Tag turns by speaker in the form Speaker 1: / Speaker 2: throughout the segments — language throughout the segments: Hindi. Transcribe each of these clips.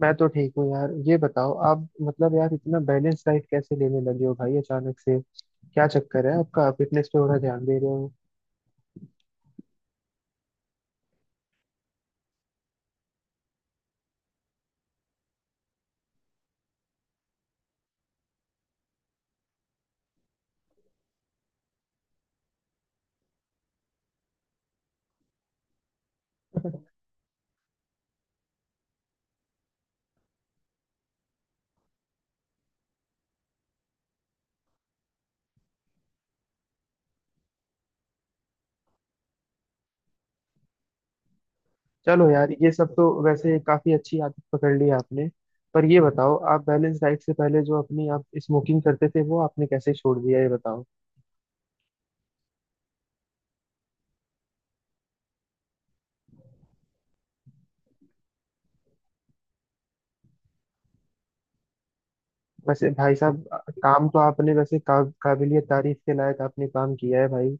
Speaker 1: मैं तो ठीक हूँ यार। ये बताओ आप मतलब यार इतना बैलेंस डाइट कैसे लेने लगे हो भाई, अचानक से क्या चक्कर है? आपका फिटनेस पे थोड़ा ध्यान दे रहे हो। चलो यार ये सब तो वैसे काफी अच्छी आदत पकड़ ली आपने। पर ये बताओ, आप बैलेंस डाइट से पहले जो अपनी आप स्मोकिंग करते थे वो आपने कैसे छोड़ दिया, ये बताओ। वैसे भाई साहब काम तो आपने वैसे काबिलियत तारीफ के लायक आपने काम किया है भाई।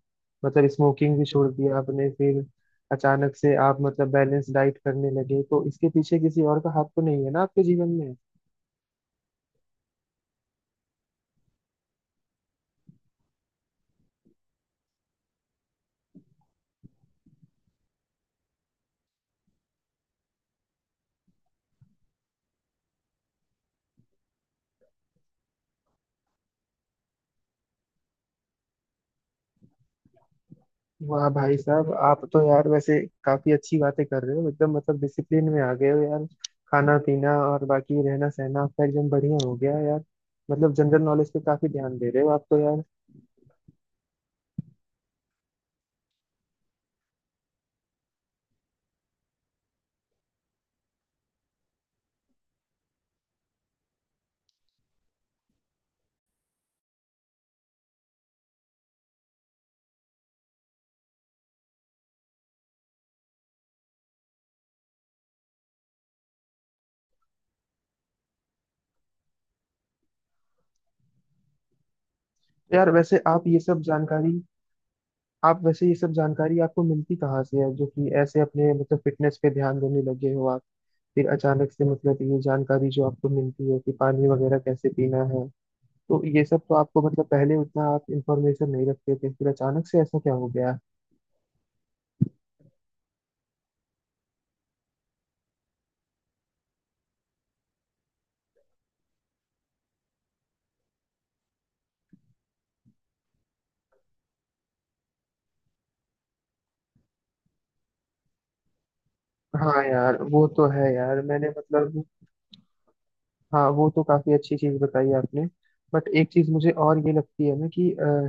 Speaker 1: मतलब स्मोकिंग भी छोड़ दिया आपने फिर। अचानक से आप मतलब बैलेंस डाइट करने लगे तो इसके पीछे किसी और का हाथ तो नहीं है ना आपके जीवन में? वाह भाई साहब, आप तो यार वैसे काफी अच्छी बातें कर रहे हो। एकदम मतलब डिसिप्लिन में आ गए हो यार। खाना पीना और बाकी रहना सहना आपका एकदम बढ़िया हो गया है यार। मतलब जनरल नॉलेज पे काफी ध्यान दे रहे हो आप तो यार। तो यार वैसे आप ये सब जानकारी, आप वैसे ये सब जानकारी आपको मिलती कहाँ से है, जो कि ऐसे अपने मतलब फिटनेस पे ध्यान देने लगे हो आप? फिर अचानक से मतलब ये जानकारी जो आपको मिलती है कि पानी वगैरह कैसे पीना है, तो ये सब तो आपको मतलब पहले उतना आप इंफॉर्मेशन नहीं रखते थे, फिर अचानक से ऐसा क्या हो गया? हाँ यार वो तो है यार, मैंने मतलब। हाँ वो तो काफी अच्छी चीज बताई आपने। बट एक चीज मुझे और ये लगती है ना कि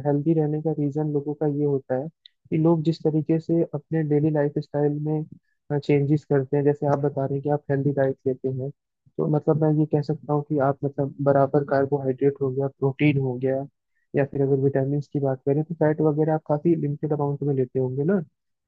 Speaker 1: हेल्दी रहने का रीजन लोगों का ये होता है कि लोग जिस तरीके से अपने डेली लाइफ स्टाइल में चेंजेस करते हैं, जैसे आप बता रहे हैं कि आप हेल्दी डाइट लेते हैं। तो मतलब मैं ये कह सकता हूँ कि आप मतलब बराबर कार्बोहाइड्रेट हो गया, प्रोटीन हो गया, या फिर अगर विटामिन की बात करें तो फैट वगैरह आप काफी लिमिटेड अमाउंट में लेते होंगे ना।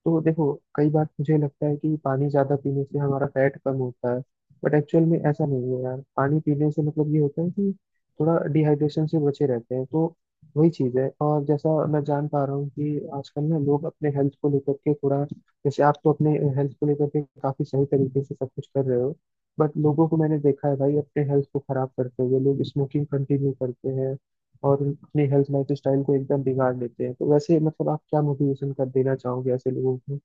Speaker 1: तो देखो कई बार मुझे लगता है कि पानी ज्यादा पीने से हमारा फैट कम होता है, बट एक्चुअल में ऐसा नहीं है यार। पानी पीने से मतलब ये होता है कि थोड़ा डिहाइड्रेशन से बचे रहते हैं, तो वही चीज़ है। और जैसा मैं जान पा रहा हूँ कि आजकल ना लोग अपने हेल्थ को लेकर के थोड़ा, जैसे आप तो अपने हेल्थ को लेकर के काफ़ी सही तरीके से सब कुछ कर रहे हो, बट लोगों को मैंने देखा है भाई अपने हेल्थ को खराब करते हुए। लोग स्मोकिंग कंटिन्यू करते हैं और अपनी हेल्थ लाइफ स्टाइल को एकदम बिगाड़ लेते हैं, तो वैसे मतलब आप क्या मोटिवेशन कर देना चाहोगे ऐसे लोगों को?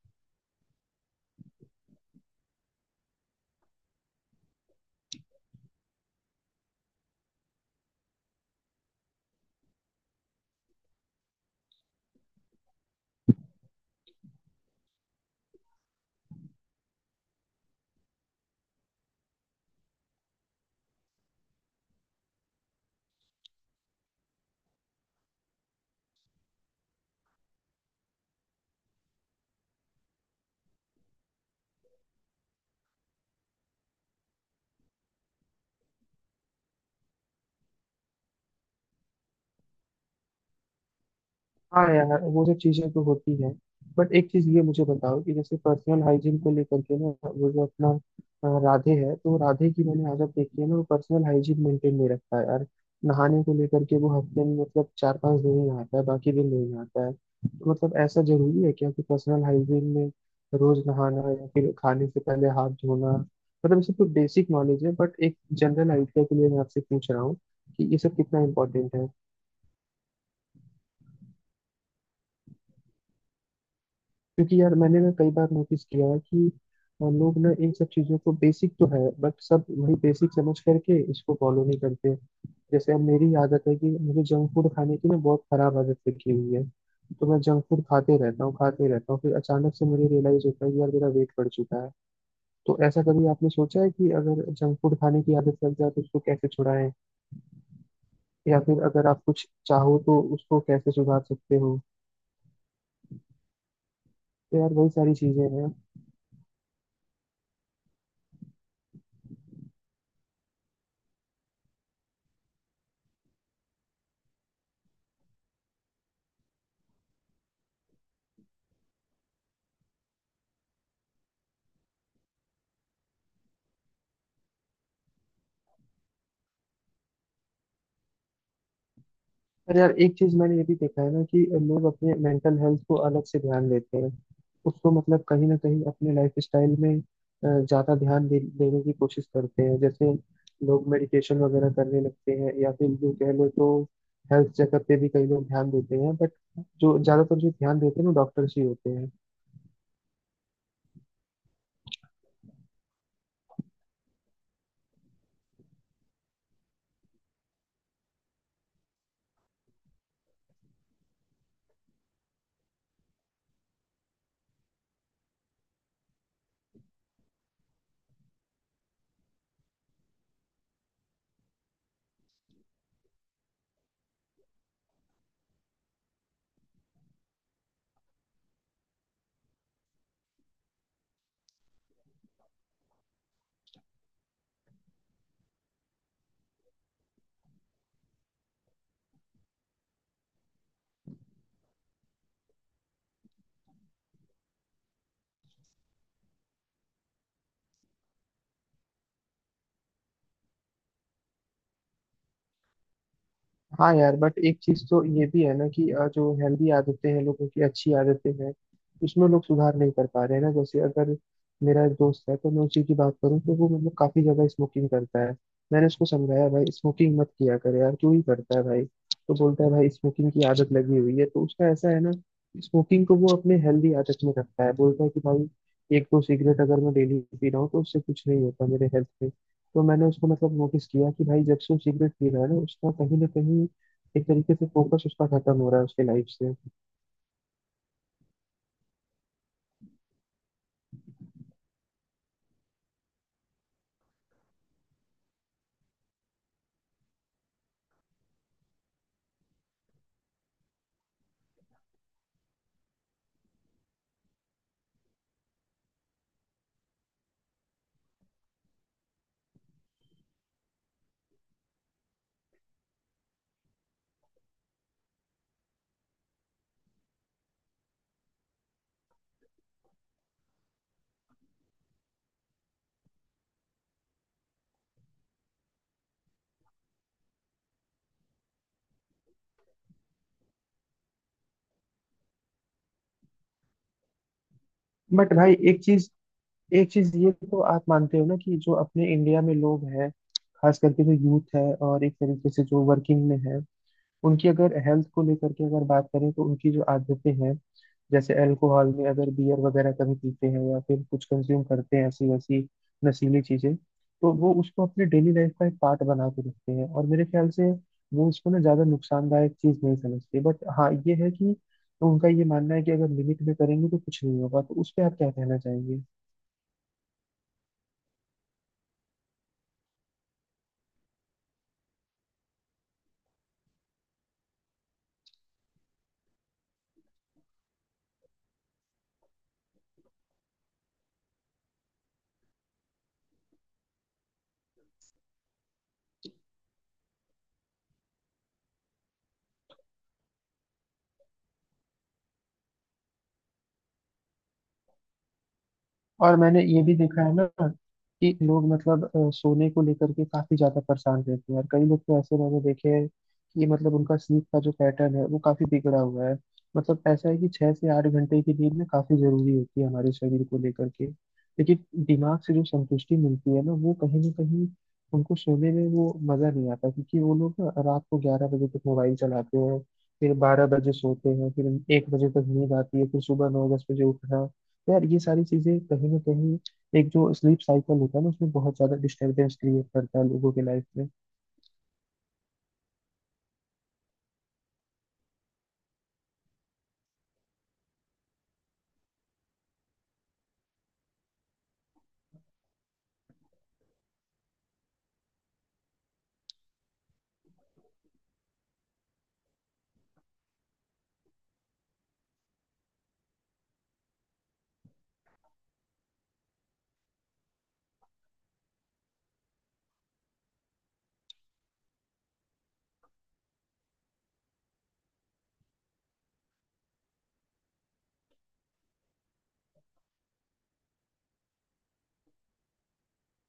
Speaker 1: हाँ यार वो सब चीजें तो होती हैं। बट एक चीज ये मुझे बताओ, कि जैसे पर्सनल हाइजीन को लेकर के ना, वो जो अपना राधे है, तो राधे की मैंने आदत देखी है ना, वो पर्सनल हाइजीन मेंटेन नहीं रखता है यार। नहाने को लेकर के वो हफ्ते में मतलब 4 5 दिन ही नहाता है, बाकी दिन नहीं नहाता है। तो मतलब ऐसा जरूरी है क्या कि पर्सनल हाइजीन में रोज नहाना या फिर खाने से पहले हाथ धोना, मतलब ये सब तो बेसिक नॉलेज है। बट एक जनरल आइडिया के लिए मैं आपसे पूछ रहा हूँ कि ये सब कितना इम्पोर्टेंट, क्योंकि यार मैंने ना कई बार नोटिस किया है कि लोग ना इन सब चीजों को बेसिक तो है बट सब वही बेसिक समझ करके इसको फॉलो नहीं करते। जैसे अब मेरी आदत है कि मुझे जंक फूड खाने की ना बहुत खराब आदत लगी हुई है। तो मैं जंक फूड खाते रहता हूँ फिर अचानक से मुझे रियलाइज होता है कि यार मेरा वेट बढ़ चुका है। तो ऐसा कभी आपने सोचा है कि अगर जंक फूड खाने की आदत लग जाए तो उसको कैसे छुड़ाएं, या फिर अगर आप कुछ चाहो तो उसको कैसे सुधार सकते हो? तो यार वही सारी चीजें हैं। पर यार एक चीज मैंने ये भी देखा है ना कि लोग अपने मेंटल हेल्थ को अलग से ध्यान देते हैं, उसको मतलब कहीं ना कहीं अपने लाइफ स्टाइल में ज्यादा देने की कोशिश करते हैं। जैसे लोग मेडिटेशन वगैरह करने लगते हैं, या फिर जो कह लो तो हेल्थ चेकअप पे भी कई लोग ध्यान देते हैं, बट जो ज्यादातर जो ध्यान देते हैं वो डॉक्टर्स ही होते हैं। हाँ यार बट एक चीज तो ये भी है ना कि जो हेल्दी आदतें हैं, लोगों की अच्छी आदतें हैं, उसमें लोग सुधार नहीं कर पा रहे हैं ना। जैसे अगर मेरा एक दोस्त है, तो मैं उसी की बात करूँ, तो वो मतलब काफी ज्यादा स्मोकिंग करता है। मैंने उसको समझाया भाई स्मोकिंग मत किया कर यार, क्यों ही करता है भाई। तो बोलता है भाई स्मोकिंग की आदत लगी हुई है। तो उसका ऐसा है ना, स्मोकिंग को वो अपने हेल्दी आदत में रखता है। बोलता है कि भाई 1 2 सिगरेट अगर मैं डेली पी रहा हूँ तो उससे कुछ नहीं होता मेरे हेल्थ पे। तो मैंने उसको मतलब नोटिस किया कि भाई जब से वो सिगरेट पी रहा है ना, उसका कहीं ना कहीं एक तरीके से फोकस उसका खत्म हो रहा है उसके लाइफ से। बट भाई एक चीज, ये तो आप मानते हो ना, कि जो अपने इंडिया में लोग हैं, खास करके जो यूथ है और एक तरीके से जो वर्किंग में है, उनकी अगर हेल्थ को लेकर के अगर बात करें, तो उनकी जो आदतें हैं, जैसे अल्कोहल में अगर बियर वगैरह कभी पीते हैं या फिर कुछ कंज्यूम करते हैं ऐसी वैसी नशीली चीजें, तो वो उसको अपने डेली लाइफ का एक पार्ट बना के रखते हैं। और मेरे ख्याल से वो उसको ना ज्यादा नुकसानदायक चीज नहीं समझते, बट हाँ ये है कि उनका ये मानना है कि अगर लिमिट में करेंगे तो कुछ नहीं होगा, तो उस पर आप क्या कहना चाहेंगे? और मैंने ये भी देखा है ना कि लोग मतलब सोने को लेकर के काफी ज्यादा परेशान रहते हैं, और कई लोग तो ऐसे मैंने देखे हैं कि मतलब उनका स्लीप का जो पैटर्न है वो काफी बिगड़ा हुआ है। मतलब ऐसा है कि 6 से 8 घंटे की नींद ना काफी जरूरी होती है हमारे शरीर को लेकर के। लेकिन दिमाग से जो संतुष्टि मिलती है ना, वो कहीं ना कहीं उनको सोने में वो मजा नहीं आता, क्योंकि वो लोग ना रात को 11 बजे तक मोबाइल चलाते हैं, फिर 12 बजे सोते हैं, फिर 1 बजे तक नींद आती है, फिर सुबह 9 10 बजे उठना। यार ये सारी चीजें कहीं ना कहीं एक जो स्लीप साइकिल होता है ना, उसमें बहुत ज्यादा डिस्टरबेंस क्रिएट करता है लोगों के लाइफ में।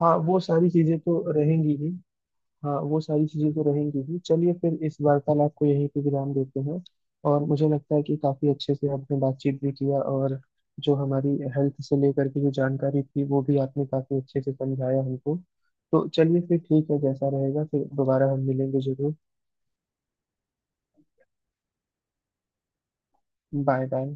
Speaker 1: हाँ वो सारी चीजें तो रहेंगी ही। हाँ वो सारी चीजें तो रहेंगी ही। चलिए फिर इस वार्तालाप को यहीं पे विराम देते हैं। और मुझे लगता है कि काफी अच्छे से आपने बातचीत भी किया, और जो हमारी हेल्थ से लेकर के जो जानकारी थी वो भी आपने काफी अच्छे से समझाया हमको। तो चलिए फिर ठीक है, जैसा रहेगा फिर दोबारा हम मिलेंगे जरूर। Bye bye.